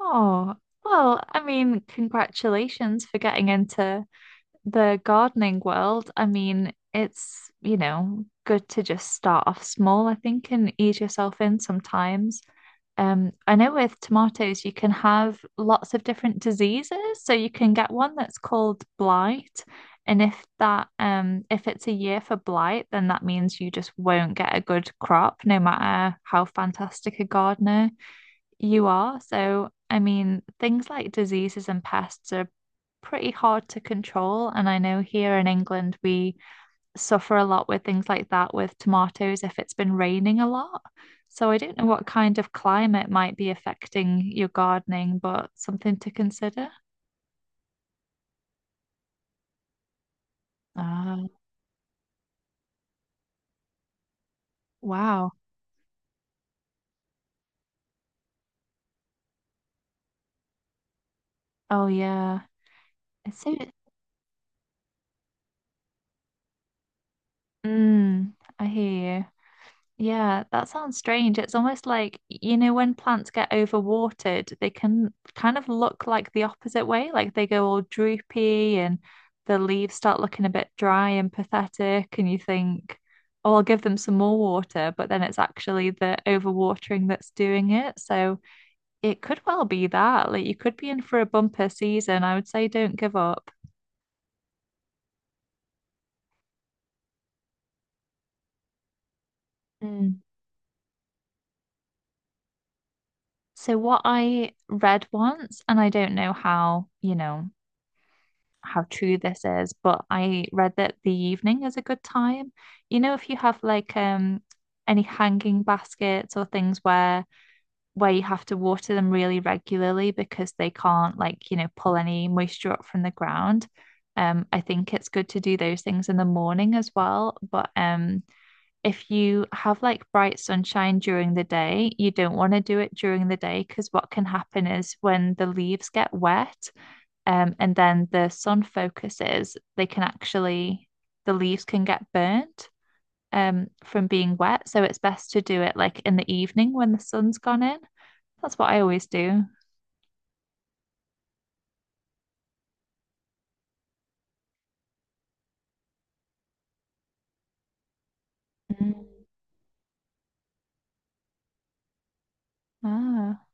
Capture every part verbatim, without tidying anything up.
Oh, well, I mean, congratulations for getting into the gardening world. I mean, it's, you know, good to just start off small, I think, and ease yourself in sometimes. Um, I know with tomatoes, you can have lots of different diseases. So you can get one that's called blight. And if that, um, if it's a year for blight, then that means you just won't get a good crop, no matter how fantastic a gardener you are. So, I mean, things like diseases and pests are pretty hard to control. And I know here in England, we suffer a lot with things like that with tomatoes if it's been raining a lot. So, I don't know what kind of climate might be affecting your gardening, but something to consider. Ah, wow. Oh, yeah. It's so, mm, I hear you. Yeah, that sounds strange. It's almost like, you know, when plants get overwatered, they can kind of look like the opposite way, like they go all droopy and the leaves start looking a bit dry and pathetic, and you think, oh, I'll give them some more water, but then it's actually the overwatering that's doing it. So it could well be that. Like you could be in for a bumper season. I would say don't give up. Mm. So what I read once, and I don't know how, you know. How true this is, but I read that the evening is a good time. You know, if you have like um any hanging baskets or things where where you have to water them really regularly because they can't like, you know, pull any moisture up from the ground. Um, I think it's good to do those things in the morning as well. But um, if you have like bright sunshine during the day, you don't want to do it during the day because what can happen is when the leaves get wet, um, and then the sun focuses, they can actually, the leaves can get burnt um, from being wet. So it's best to do it like in the evening when the sun's gone in. That's what I always do. Mm. Ah.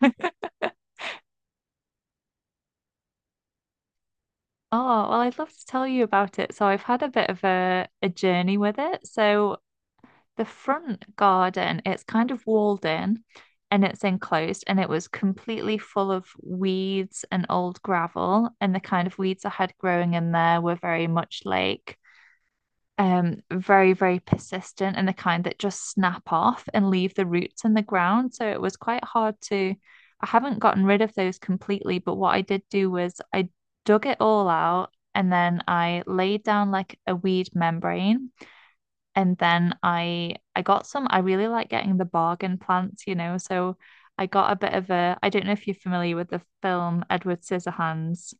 Oh, well, I'd love to tell you about it. So I've had a bit of a, a journey with it. So the front garden, it's kind of walled in and it's enclosed and it was completely full of weeds and old gravel. And the kind of weeds I had growing in there were very much like um very, very persistent and the kind that just snap off and leave the roots in the ground. So it was quite hard to I haven't gotten rid of those completely, but what I did do was I dug it all out and then I laid down like a weed membrane and then I I got some, I really like getting the bargain plants, you know. So I got a bit of a, I don't know if you're familiar with the film Edward Scissorhands.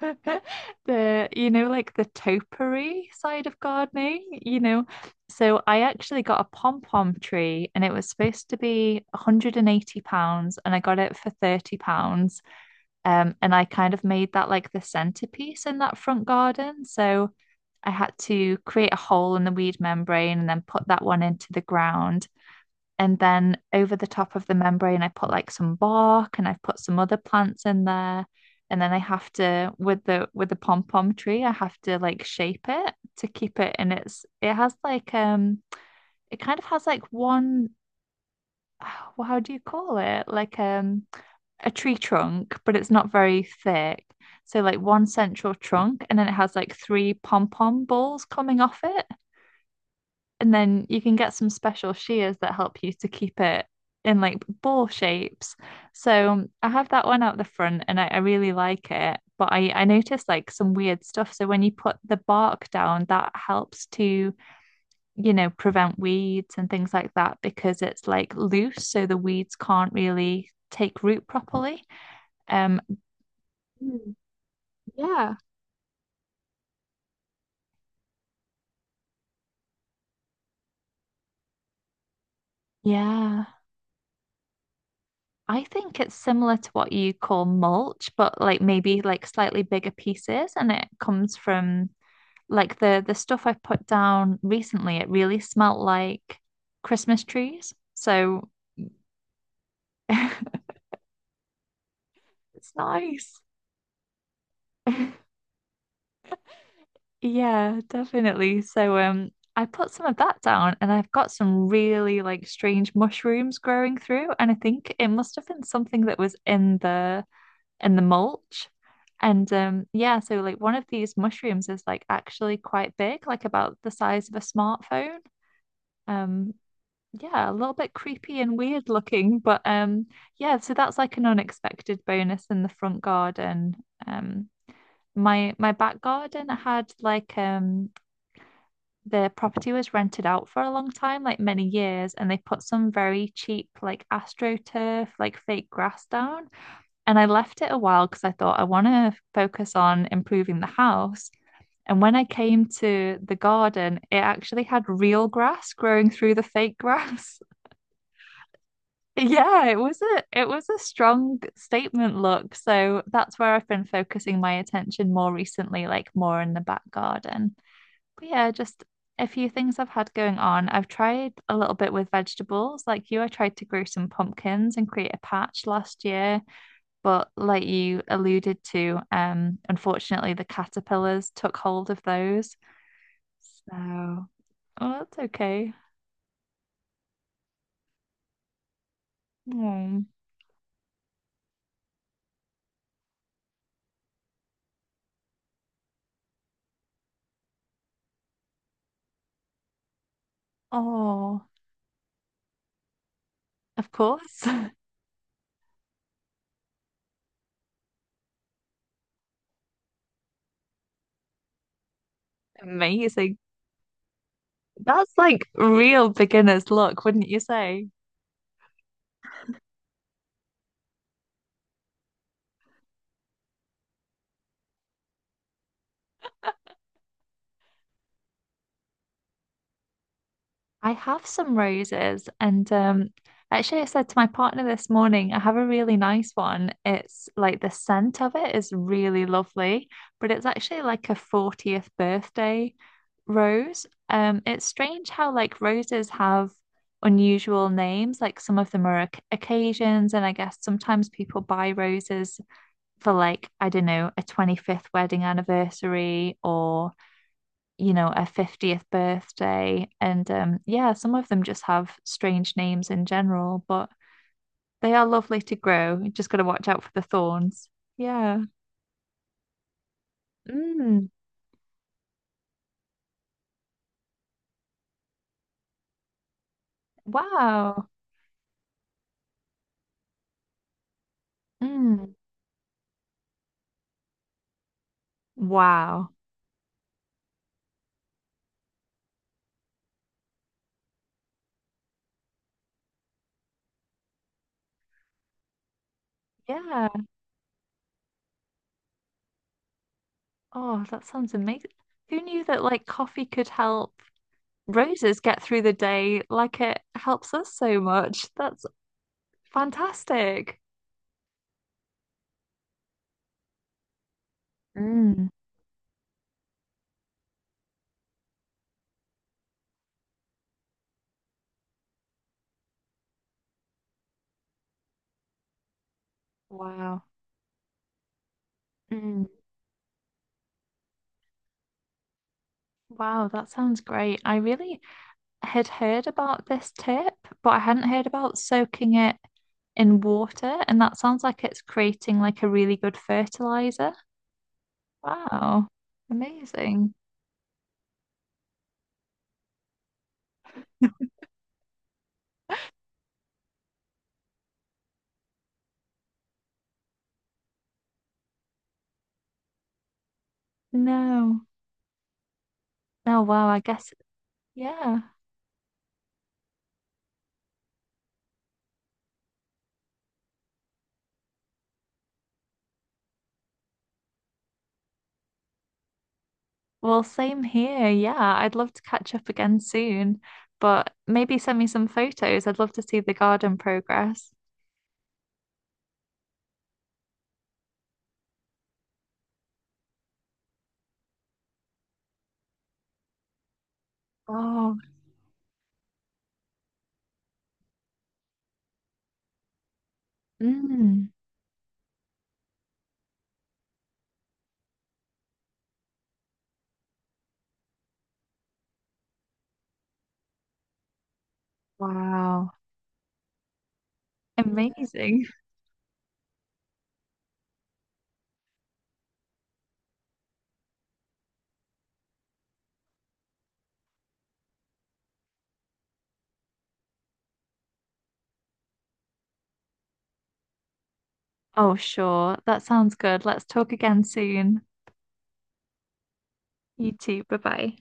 The, you know, like the topiary side of gardening, you know. So I actually got a pom-pom tree and it was supposed to be one hundred eighty pounds and I got it for thirty pounds. Um, and I kind of made that like the centerpiece in that front garden. So I had to create a hole in the weed membrane and then put that one into the ground. And then over the top of the membrane, I put like some bark and I've put some other plants in there. And then I have to with the with the pom pom tree, I have to like shape it to keep it in its it has like um it kind of has like one Well, how do you call it? Like um a tree trunk, but it's not very thick. So like one central trunk, and then it has like three pom pom balls coming off it. And then you can get some special shears that help you to keep it in like ball shapes. So I have that one out the front and I, I really like it. But I, I noticed like some weird stuff. So when you put the bark down, that helps to, you know, prevent weeds and things like that because it's like loose. So the weeds can't really take root properly. Um, Yeah, yeah. I think it's similar to what you call mulch, but like maybe like slightly bigger pieces, and it comes from Like the the stuff I put down recently, it really smelt like Christmas trees. So it's nice. Yeah, definitely. So um I put some of that down and I've got some really like strange mushrooms growing through and I think it must have been something that was in the in the mulch. And um yeah, so like one of these mushrooms is like actually quite big, like about the size of a smartphone. Um Yeah, a little bit creepy and weird looking, but um yeah, so that's like an unexpected bonus in the front garden. Um my my back garden had like um the property was rented out for a long time, like many years, and they put some very cheap like AstroTurf, like fake grass down. And I left it a while because I thought I want to focus on improving the house. And when I came to the garden, it actually had real grass growing through the fake grass. Yeah, it was a it was a strong statement look. So that's where I've been focusing my attention more recently, like more in the back garden. But yeah, just a few things I've had going on. I've tried a little bit with vegetables. Like you, I tried to grow some pumpkins and create a patch last year, but like you alluded to, um, unfortunately the caterpillars took hold of those. So, oh, that's okay. Oh, oh, of course. Amazing. That's like real beginner's luck, wouldn't you say? I have some roses, and um, actually, I said to my partner this morning, I have a really nice one. It's like the scent of it is really lovely, but it's actually like a fortieth birthday rose. Um, it's strange how like roses have unusual names, like some of them are oc- occasions, and I guess sometimes people buy roses for like, I don't know, a twenty-fifth wedding anniversary or you know, a fiftieth birthday. And um, yeah, some of them just have strange names in general, but they are lovely to grow. You just got to watch out for the thorns. Yeah. Mm. Wow. Mm. Wow. Yeah. Oh, that sounds amazing. Who knew that like coffee could help roses get through the day like it helps us so much? That's fantastic. Mm. Wow. Mm. Wow, that sounds great. I really had heard about this tip, but I hadn't heard about soaking it in water, and that sounds like it's creating like a really good fertilizer. Wow, amazing. No. Oh, wow, I guess, yeah. Well, same here. Yeah, I'd love to catch up again soon, but maybe send me some photos. I'd love to see the garden progress. Oh, mm, wow. Amazing. Oh, sure. That sounds good. Let's talk again soon. You too. Bye bye.